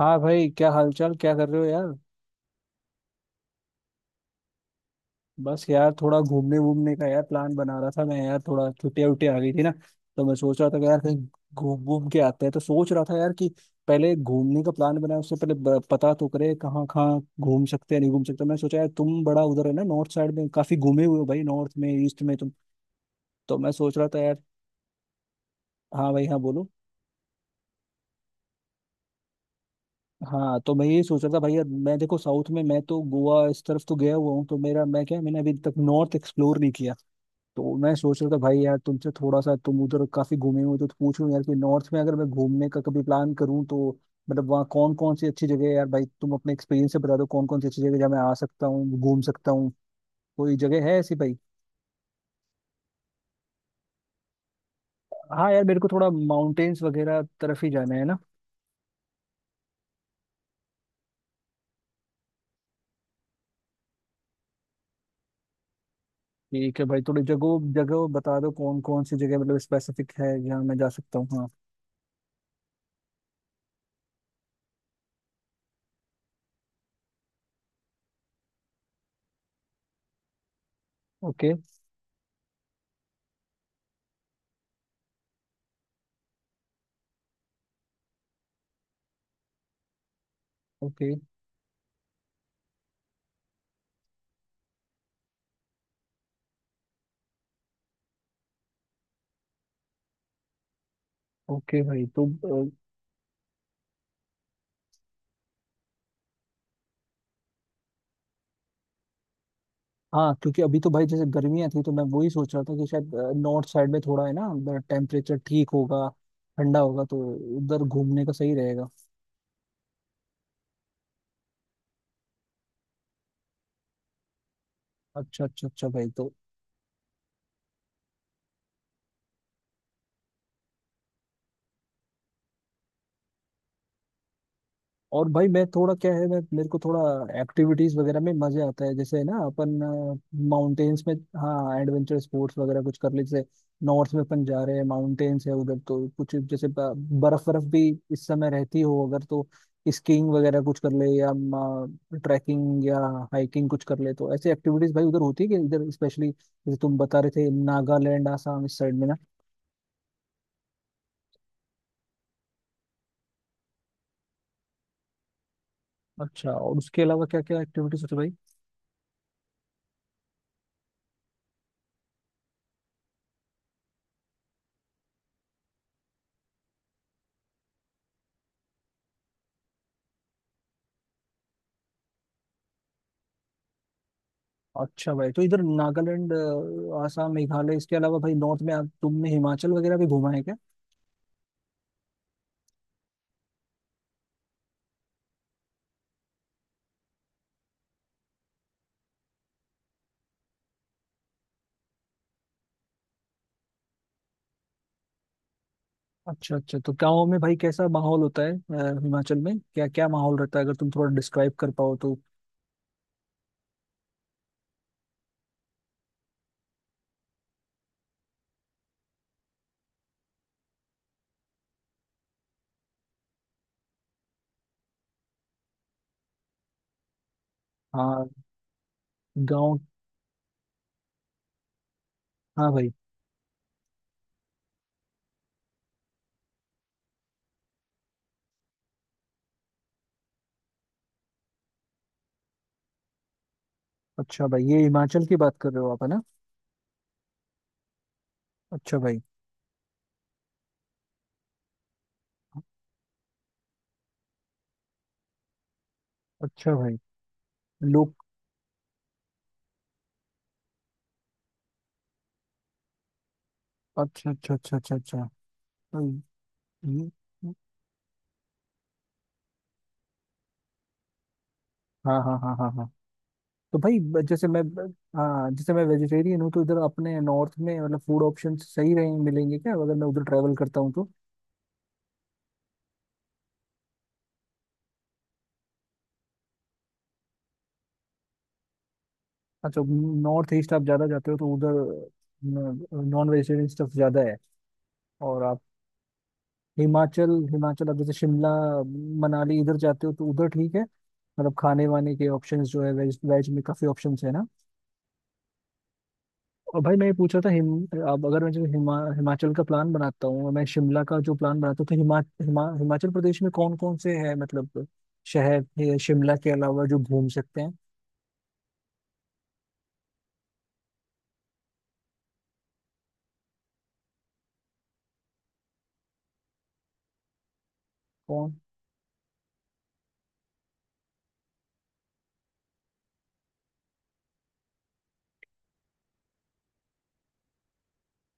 हाँ भाई, क्या हालचाल? क्या कर रहे हो यार? बस यार थोड़ा घूमने वूमने का यार प्लान बना रहा था मैं यार। थोड़ा छुट्टियां उट्टियां आ गई थी ना, तो मैं सोच रहा था कि यार कहीं घूम घूम के आते हैं। तो सोच रहा था यार कि पहले घूमने का प्लान बनाए उससे पहले पता तो करे कहाँ कहाँ घूम सकते हैं, नहीं घूम सकते। मैं सोचा यार तुम बड़ा उधर है ना, नॉर्थ साइड में काफी घूमे हुए हो भाई, नॉर्थ में, ईस्ट में तुम। तो मैं सोच रहा था यार। हाँ भाई, हाँ बोलो। हाँ तो मैं यही सोच रहा था भाई, यार मैं देखो साउथ में मैं तो गोवा इस तरफ तो गया हुआ हूँ, तो मेरा मैंने अभी तक नॉर्थ एक्सप्लोर नहीं किया। तो मैं सोच रहा था भाई यार, तुमसे थोड़ा सा, तुम उधर काफी घूमे हो तो पूछूं यार कि नॉर्थ में अगर मैं घूमने का कभी प्लान करूं, तो मतलब वहाँ कौन कौन सी अच्छी जगह है यार? भाई तुम अपने एक्सपीरियंस से बता दो कौन कौन सी अच्छी जगह है, जहाँ मैं आ सकता हूँ, घूम सकता हूँ। कोई जगह है ऐसी भाई? हाँ यार, मेरे को थोड़ा माउंटेन्स वगैरह तरफ ही जाना है ना। ठीक है भाई, थोड़ी जगह जगह बता दो, कौन कौन सी जगह मतलब स्पेसिफिक है जहाँ मैं जा सकता हूँ। हाँ। ओके। ओके। ओके भाई तो। हाँ क्योंकि अभी तो भाई जैसे गर्मियां थी, तो मैं वही सोच रहा था कि शायद नॉर्थ साइड में थोड़ा है ना, टेम्परेचर ठीक होगा, ठंडा होगा, तो उधर घूमने का सही रहेगा। अच्छा अच्छा अच्छा भाई तो। और भाई मैं थोड़ा क्या है, मैं मेरे को थोड़ा एक्टिविटीज वगैरह में मजे आता है, जैसे ना अपन माउंटेन्स में। हाँ एडवेंचर स्पोर्ट्स वगैरह कुछ कर ले, जैसे नॉर्थ में अपन जा रहे हैं, माउंटेन्स है उधर, तो कुछ जैसे बर्फ बर्फ भी इस समय रहती हो अगर, तो स्कीइंग वगैरह कुछ कर ले, या ट्रैकिंग या हाइकिंग कुछ कर ले। तो ऐसी एक्टिविटीज भाई उधर होती है कि इधर? स्पेशली जैसे तुम बता रहे थे नागालैंड, आसाम इस साइड में ना। अच्छा, और उसके अलावा क्या क्या एक्टिविटीज होती है भाई? अच्छा भाई, तो इधर नागालैंड, आसाम, मेघालय इसके अलावा भाई नॉर्थ में आप, तुमने हिमाचल वगैरह भी घूमा है क्या? अच्छा अच्छा, तो गाँव में भाई कैसा माहौल होता है? हिमाचल में क्या क्या माहौल रहता है, अगर तुम थोड़ा डिस्क्राइब कर पाओ तो? हाँ। गाँव। हाँ भाई। अच्छा भाई, ये हिमाचल की बात कर रहे हो आप है ना? अच्छा भाई। अच्छा भाई। लोग। अच्छा अच्छा अच्छा अच्छा अच्छा। हम्म। हम्म। हम्म। हाँ हाँ हाँ हाँ हाँ। तो भाई जैसे मैं हाँ जैसे मैं वेजिटेरियन हूँ, तो इधर अपने नॉर्थ में मतलब फूड ऑप्शन सही रहेंगे, मिलेंगे क्या अगर मैं उधर ट्रैवल करता हूँ तो? अच्छा। नॉर्थ ईस्ट आप ज़्यादा जाते हो तो उधर नॉन वेजिटेरियन स्टफ ज़्यादा है? और आप हिमाचल, हिमाचल आप जैसे शिमला मनाली इधर जाते हो तो उधर ठीक है मतलब, खाने वाने के ऑप्शंस जो है वेज, वेज में काफ़ी ऑप्शंस है ना? और भाई मैं ये पूछ रहा था हिम अब, अगर मैं जो हिमाचल का प्लान बनाता हूँ, और मैं शिमला का जो प्लान बनाता हूँ, तो हिमा, हिमा, हिमाचल प्रदेश में कौन कौन से है मतलब शहर है शिमला के अलावा जो घूम सकते हैं? कौन।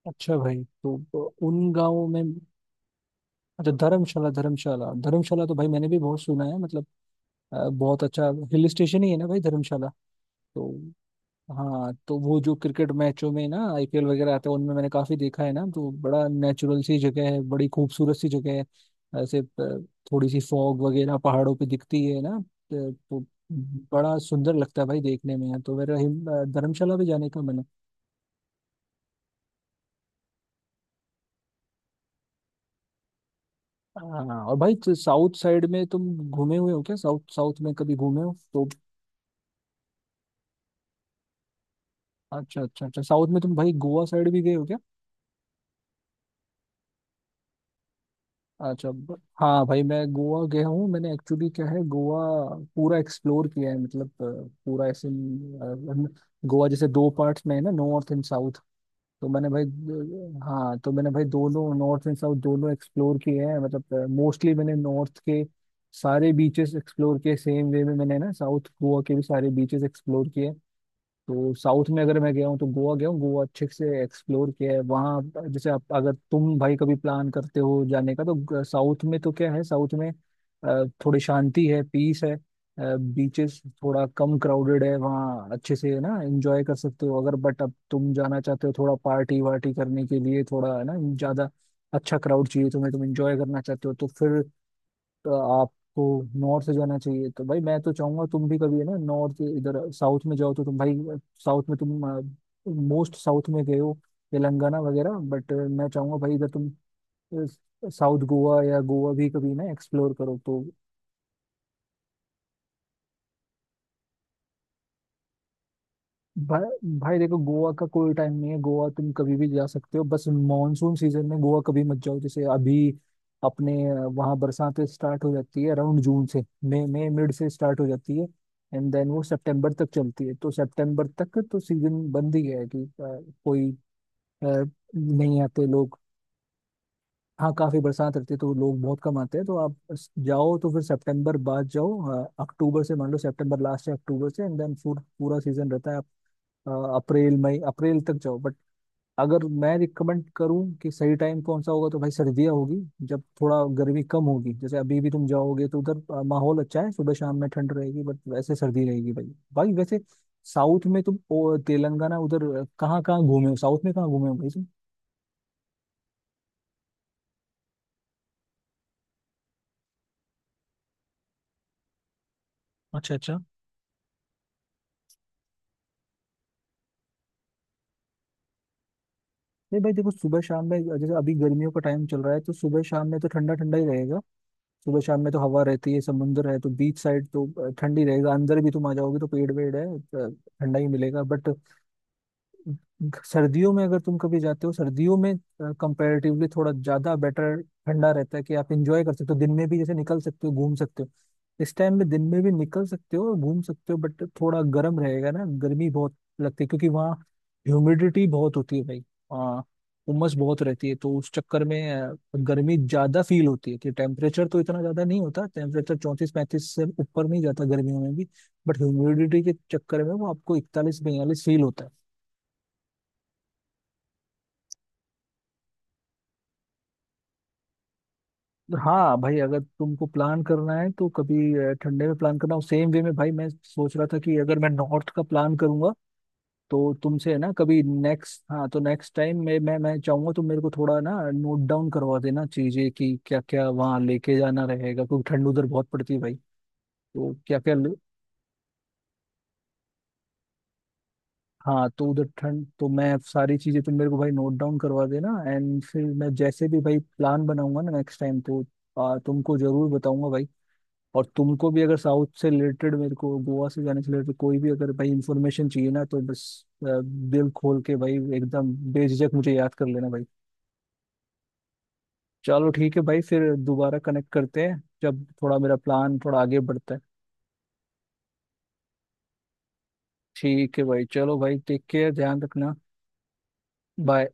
अच्छा भाई तो उन गाँवों में। अच्छा धर्मशाला धर्मशाला धर्मशाला, तो भाई मैंने भी बहुत सुना है मतलब बहुत अच्छा हिल स्टेशन ही है ना भाई धर्मशाला तो। हाँ, तो वो जो क्रिकेट मैचों में ना आईपीएल वगैरह आते हैं, उनमें मैंने काफी देखा है ना, तो बड़ा नेचुरल सी जगह है, बड़ी खूबसूरत सी जगह है। ऐसे थोड़ी सी फॉग वगैरह पहाड़ों पे दिखती है ना, तो बड़ा सुंदर लगता है भाई देखने में यार। तो मेरा धर्मशाला भी जाने का मन है। हाँ और भाई, तो साउथ साइड में तुम घूमे हुए हो क्या? साउथ, साउथ में कभी घूमे हो तो? अच्छा अच्छा अच्छा, साउथ में तुम भाई गोवा साइड भी गए हो? अच्छा हाँ भाई, मैं गोवा गया हूँ, मैंने एक्चुअली क्या है, गोवा पूरा एक्सप्लोर किया है मतलब पूरा ऐसे गोवा जैसे दो पार्ट्स में है ना, नॉर्थ एंड साउथ। तो मैंने भाई हाँ, तो मैंने भाई दोनों नॉर्थ एंड साउथ दोनों एक्सप्लोर किए हैं, मतलब मोस्टली मैंने नॉर्थ के सारे बीचेस एक्सप्लोर किए, सेम वे में मैंने ना साउथ गोवा के भी सारे बीचेस एक्सप्लोर किए। तो साउथ में अगर मैं गया हूँ तो गोवा गया हूँ, गोवा अच्छे से एक्सप्लोर किया है वहाँ। जैसे आप, अगर तुम भाई कभी प्लान करते हो जाने का, तो साउथ में तो क्या है, साउथ में थोड़ी शांति है, पीस है, बीचेस थोड़ा कम क्राउडेड है वहाँ, अच्छे से है ना एंजॉय कर सकते हो अगर। बट अब तुम जाना चाहते हो थोड़ा पार्टी वार्टी करने के लिए, थोड़ा है ना, ज़्यादा अच्छा क्राउड चाहिए तुम्हें, तुम एंजॉय करना चाहते हो, तो फिर तो आपको नॉर्थ जाना चाहिए। तो भाई मैं तो चाहूंगा तुम भी कभी है ना, नॉर्थ इधर, साउथ में जाओ तो तुम भाई, साउथ में तुम मोस्ट साउथ में गए हो तेलंगाना वगैरह, बट मैं चाहूंगा भाई इधर तुम साउथ गोवा या गोवा भी कभी ना एक्सप्लोर करो तो। भाई भाई देखो, गोवा का कोई टाइम नहीं है, गोवा तुम कभी भी जा सकते हो, बस मॉनसून सीजन में गोवा कभी मत जाओ, जैसे अभी अपने वहाँ बरसात स्टार्ट हो जाती है अराउंड जून से, मई मई मिड से स्टार्ट हो जाती है, एंड देन वो सितंबर तक चलती है। तो सितंबर तक तो सीजन बंद ही है, कि कोई अ, नहीं आते लोग। हाँ काफी बरसात रहती है तो लोग बहुत कम आते हैं। तो आप जाओ तो फिर सितंबर बाद जाओ, अक्टूबर से, मान लो सितंबर लास्ट से अक्टूबर से एंड देन पूरा सीजन रहता है, अ, अप्रैल मई, अप्रैल तक जाओ बट। अगर मैं रिकमेंड करूं कि सही टाइम कौन सा होगा, तो भाई सर्दियाँ होगी, जब थोड़ा गर्मी कम होगी, जैसे अभी भी तुम जाओगे तो उधर माहौल अच्छा है, सुबह शाम में ठंड रहेगी, बट वैसे सर्दी रहेगी भाई। भाई वैसे साउथ में तुम तेलंगाना उधर कहाँ कहाँ घूमे हो, साउथ में कहाँ घूमे हो भाई तुम? अच्छा अच्छा। नहीं भाई देखो सुबह शाम में जैसे अभी गर्मियों का टाइम चल रहा है, तो सुबह शाम में तो ठंडा ठंडा ही रहेगा। सुबह शाम में तो हवा रहती है, समुंदर है तो बीच साइड तो ठंडी रहेगा, अंदर भी तुम आ जाओगे तो पेड़ वेड़ है, तो ठंडा ही मिलेगा बट, सर्दियों में अगर तुम कभी जाते हो सर्दियों में कंपैरेटिवली थोड़ा ज्यादा बेटर ठंडा रहता है, कि आप इंजॉय कर सकते हो, तो दिन में भी जैसे निकल सकते हो, घूम सकते हो। इस टाइम में दिन में भी निकल सकते हो, घूम सकते हो, बट थोड़ा गर्म रहेगा ना। गर्मी बहुत लगती है क्योंकि वहाँ ह्यूमिडिटी बहुत होती है भाई, वहाँ उमस बहुत रहती है, तो उस चक्कर में गर्मी ज्यादा फील होती है, कि टेम्परेचर तो इतना ज्यादा नहीं होता। टेम्परेचर 34-35 से ऊपर नहीं जाता गर्मियों में भी, बट ह्यूमिडिटी के चक्कर में वो आपको 41-42 फील होता है। हाँ भाई अगर तुमको प्लान करना है तो कभी ठंडे में प्लान करना हो, सेम वे में भाई मैं सोच रहा था कि अगर मैं नॉर्थ का प्लान करूंगा, तो तुमसे है ना कभी नेक्स्ट, हाँ तो नेक्स्ट टाइम मैं चाहूंगा तुम मेरे को थोड़ा ना नोट डाउन करवा देना चीजें, कि क्या क्या वहाँ लेके जाना रहेगा, क्योंकि ठंड उधर बहुत पड़ती है भाई, तो क्या क्या। हाँ तो उधर ठंड तो मैं सारी चीजें तुम मेरे को भाई नोट डाउन करवा देना, एंड फिर मैं जैसे भी भाई प्लान बनाऊंगा ना नेक्स्ट टाइम, तो तुमको जरूर बताऊंगा भाई। और तुमको भी अगर साउथ से रिलेटेड, मेरे को गोवा से जाने से रिलेटेड कोई भी अगर भाई इंफॉर्मेशन चाहिए ना, तो बस दिल खोल के भाई एकदम बेझिझक मुझे याद कर लेना भाई। चलो ठीक है भाई, फिर दोबारा कनेक्ट करते हैं जब थोड़ा मेरा प्लान थोड़ा आगे बढ़ता है। ठीक है भाई, चलो भाई, टेक केयर, ध्यान रखना। बाय।